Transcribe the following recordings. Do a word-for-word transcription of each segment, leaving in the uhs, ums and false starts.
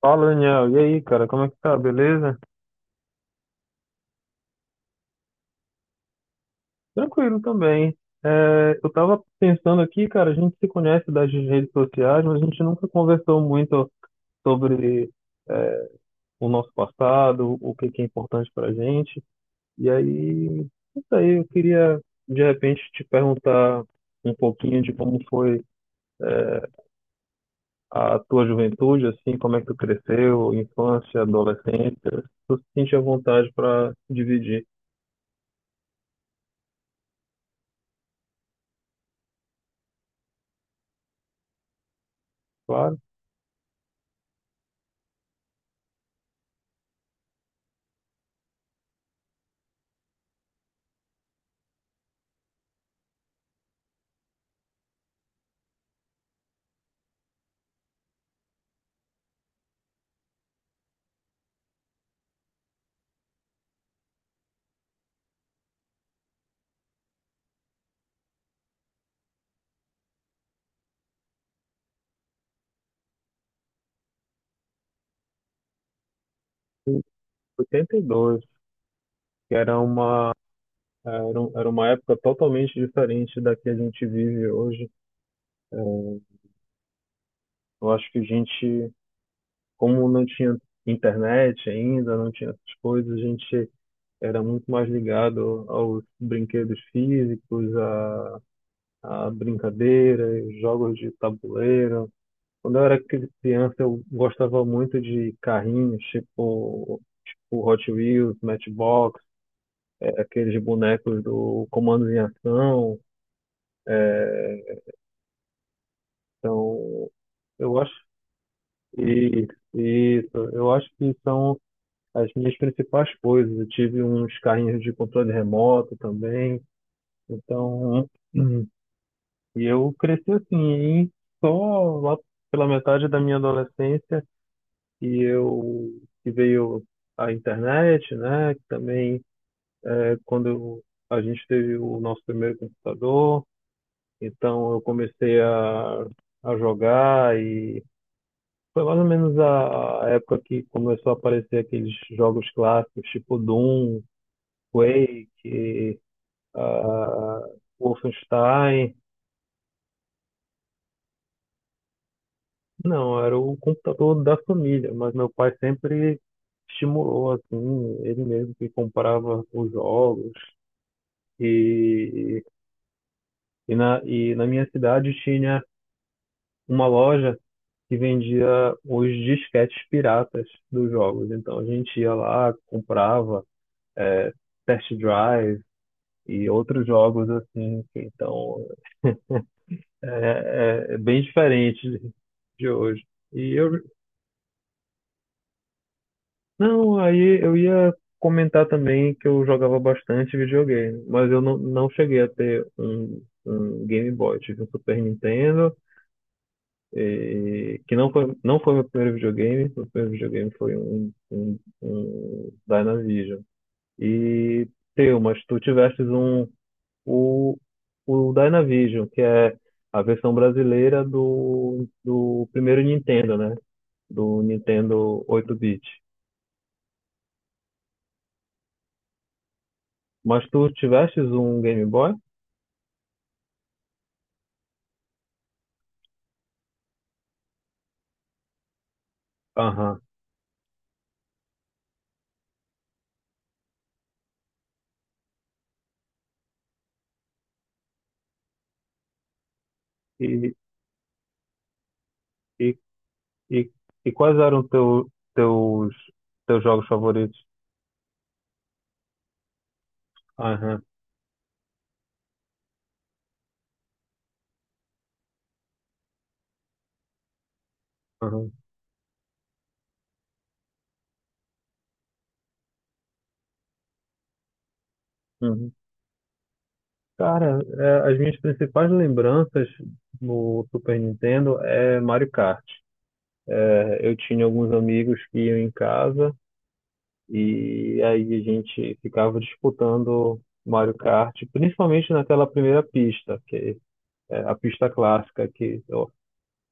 Fala, Daniel. E aí, cara, como é que tá? Beleza? Tranquilo também. É, eu tava pensando aqui, cara, a gente se conhece das redes sociais, mas a gente nunca conversou muito sobre é, o nosso passado, o que que é importante pra gente. E aí, isso aí, eu queria de repente te perguntar um pouquinho de como foi a tua juventude, assim, como é que tu cresceu, infância, adolescência. Tu se sente à vontade para dividir. Claro, em oitenta e dois, que era uma Era, um- era uma época totalmente diferente da que a gente vive hoje. Eu acho que a gente, como não tinha internet ainda, não tinha essas coisas, a gente era muito mais ligado aos brinquedos físicos, a, a brincadeiras, jogos de tabuleiro. Quando eu era cri- criança, eu gostava muito de carrinhos, tipo, tipo Hot Wheels, Matchbox, é, aqueles bonecos do Comandos em Ação. Então, eu acho E isso, eu acho que são as minhas principais coisas. Eu tive uns carrinhos de controle remoto também, então, hum, e eu cresci assim, e só lá pela metade da minha adolescência e eu que veio a internet, né? Que também é quando eu- a gente teve o nosso primeiro computador, então eu comecei a, a jogar. Foi mais ou menos a a época que começou a aparecer aqueles jogos clássicos, tipo Doom, Quake, ah, Wolfenstein. Não, era o computador da família, mas meu pai sempre estimulou, assim, ele mesmo que comprava os jogos. E, e, na, e na minha cidade tinha uma loja que vendia os disquetes piratas dos jogos. Então a gente ia lá, comprava, eh, Test Drive, e outros jogos assim, que então é, é- é bem diferente de de hoje. E eu, não, aí eu ia comentar também que eu jogava bastante videogame, mas eu não, não cheguei a ter um, um Game Boy, tive um Super Nintendo, e, que não foi, não foi meu primeiro videogame, meu primeiro videogame foi um, um, um Dynavision. E teu, mas tu tivestes um o, o Dynavision, que é a versão brasileira do, do primeiro Nintendo, né? Do Nintendo oito-bit. Mas tu tivestes um Game Boy? Aham. E, e, e, e quais eram teu, teus, teus jogos favoritos? Aham, aham, uhum. Cara, é, as minhas principais lembranças no Super Nintendo é Mario Kart. É, eu tinha alguns amigos que iam em casa. E aí a gente ficava disputando Mario Kart, principalmente naquela primeira pista, que é a pista clássica, que eu,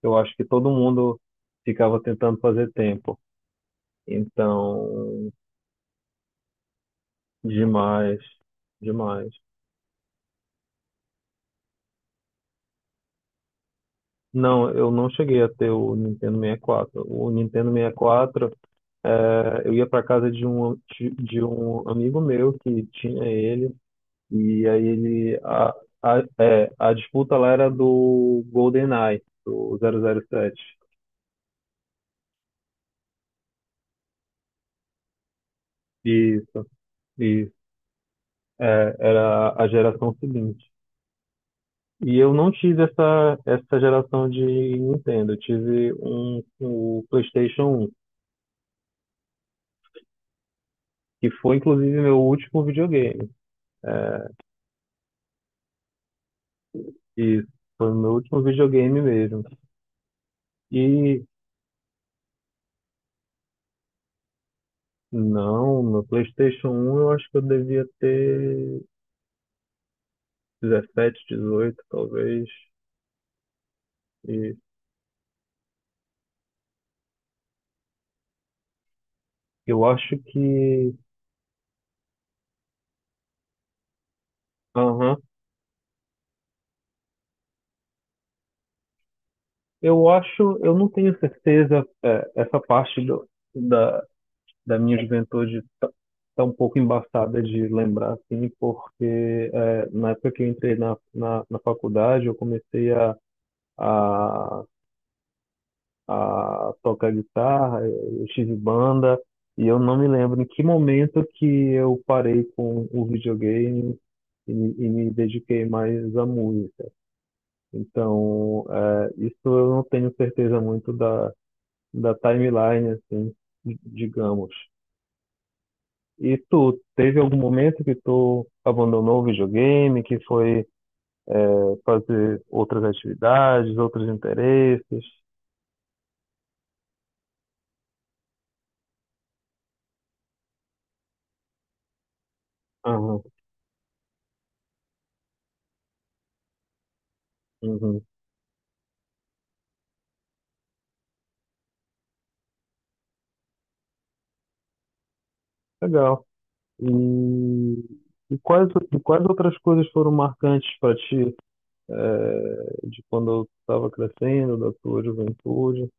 eu acho que todo mundo ficava tentando fazer tempo. Então, demais, demais. Não, eu não cheguei a ter o Nintendo sessenta e quatro. O Nintendo sessenta e quatro, eh, eu ia para casa de um, de de um amigo meu que tinha ele. E aí ele a, a, é, a disputa lá era do GoldenEye, do zero zero sete. Isso, isso. É, era a geração seguinte. E eu não tive essa essa geração de Nintendo, eu tive um o PlayStation um, que foi inclusive meu último videogame. Isso, foi meu último videogame mesmo. E não, no PlayStation um eu acho que eu devia ter dezessete, dezoito, talvez. E Eu acho que. Aham. Eu acho. Eu não tenho certeza. É, essa parte do- da, da minha juventude está um pouco embaçada de lembrar, assim, porque é, na época que eu entrei na, na, na faculdade, eu comecei a, a, a tocar guitarra, eu tive banda, e eu não me lembro em que momento que eu parei com o videogame e, e me dediquei mais à música. Então, é, isso eu não tenho certeza muito da, da timeline, assim, di- digamos. E tu, teve algum momento que tu abandonou o videogame, que foi, é, fazer outras atividades, outros interesses? Aham, uhum. Legal. E, e quais, e quais outras coisas foram marcantes para ti, é, de quando eu estava crescendo, da tua juventude?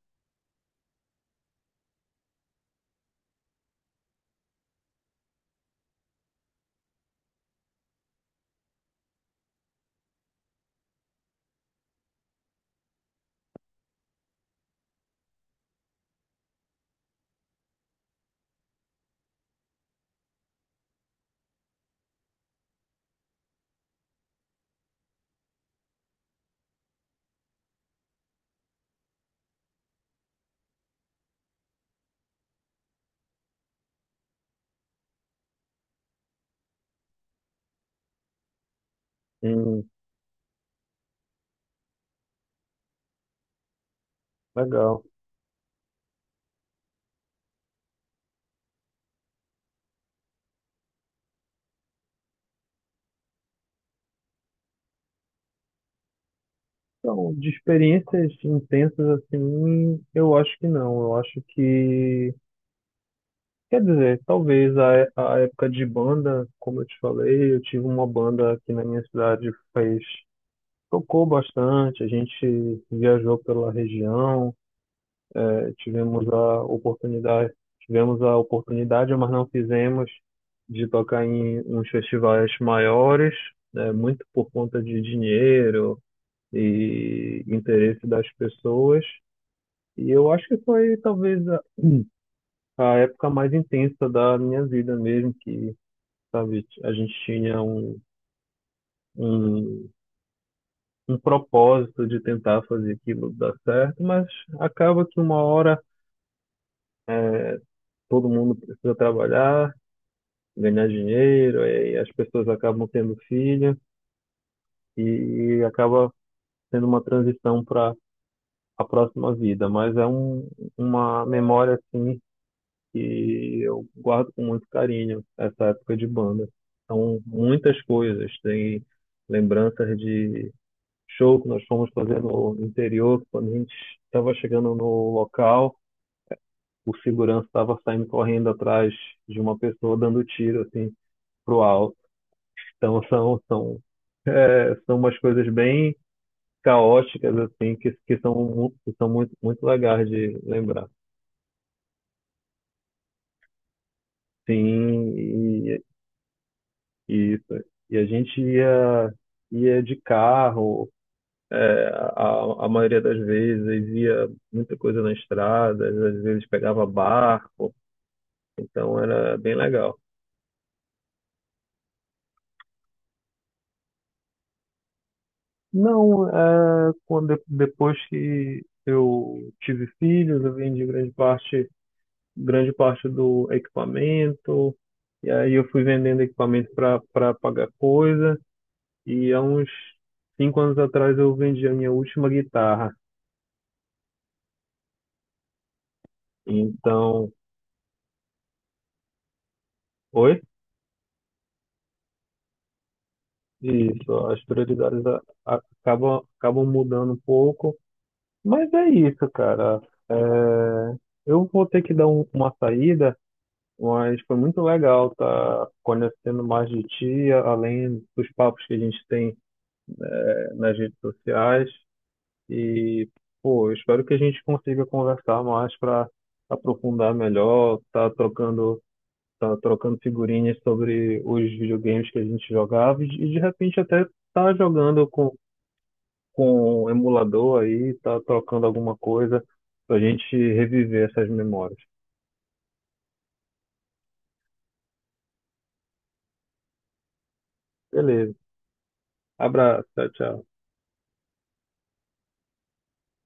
Hum, legal. Então, de experiências intensas assim, eu acho que não. Eu acho que, quer dizer, talvez a, é- a época de banda, como eu te falei, eu tive uma banda aqui na minha cidade, fez tocou bastante, a gente viajou pela região, eh, tivemos a oportunidade, tivemos a oportunidade, mas não fizemos, de tocar em uns festivais maiores, né, muito por conta de dinheiro e interesse das pessoas. E eu acho que foi talvez a, a época mais intensa da minha vida mesmo, que, sabe, a gente tinha um, um, um propósito de tentar fazer aquilo dar certo, mas acaba que uma hora é, todo mundo precisa trabalhar, ganhar dinheiro, e as pessoas acabam tendo filho, e acaba sendo uma transição para a próxima vida, mas é um, uma memória assim que eu guardo com muito carinho, essa época de banda. São muitas coisas, tem lembranças de show que nós fomos fazer no interior, quando a gente estava chegando no local, o segurança estava saindo correndo atrás de uma pessoa dando tiro assim pro alto. Então são são é, são umas coisas bem caóticas assim que que são mu- que são muito muito legais de lembrar. Sim, e Isso. E a gente ia, ia de carro, é, a, a maioria das vezes ia muita coisa na estrada, às vezes pegava barco, então era bem legal. Não, é, quando, depois que eu tive filhos, eu vendi grande parte, grande parte do equipamento, e aí eu fui vendendo equipamento para para pagar coisa, e há uns cinco anos atrás eu vendi a minha última guitarra. Então, oi? Isso, as prioridades a- a- acabam, acabam mudando um pouco, mas é isso, cara. É, eu vou ter que dar um- uma saída, mas foi muito legal tá conhecendo mais de ti, além dos papos que a gente tem é, nas redes sociais. E, pô, eu espero que a gente consiga conversar mais para aprofundar melhor, tá trocando, tá trocando figurinhas sobre os videogames que a gente jogava e, de e de repente até tá jogando com com o emulador aí, tá trocando alguma coisa pra gente reviver essas memórias. Beleza. Abraço, tchau, tchau.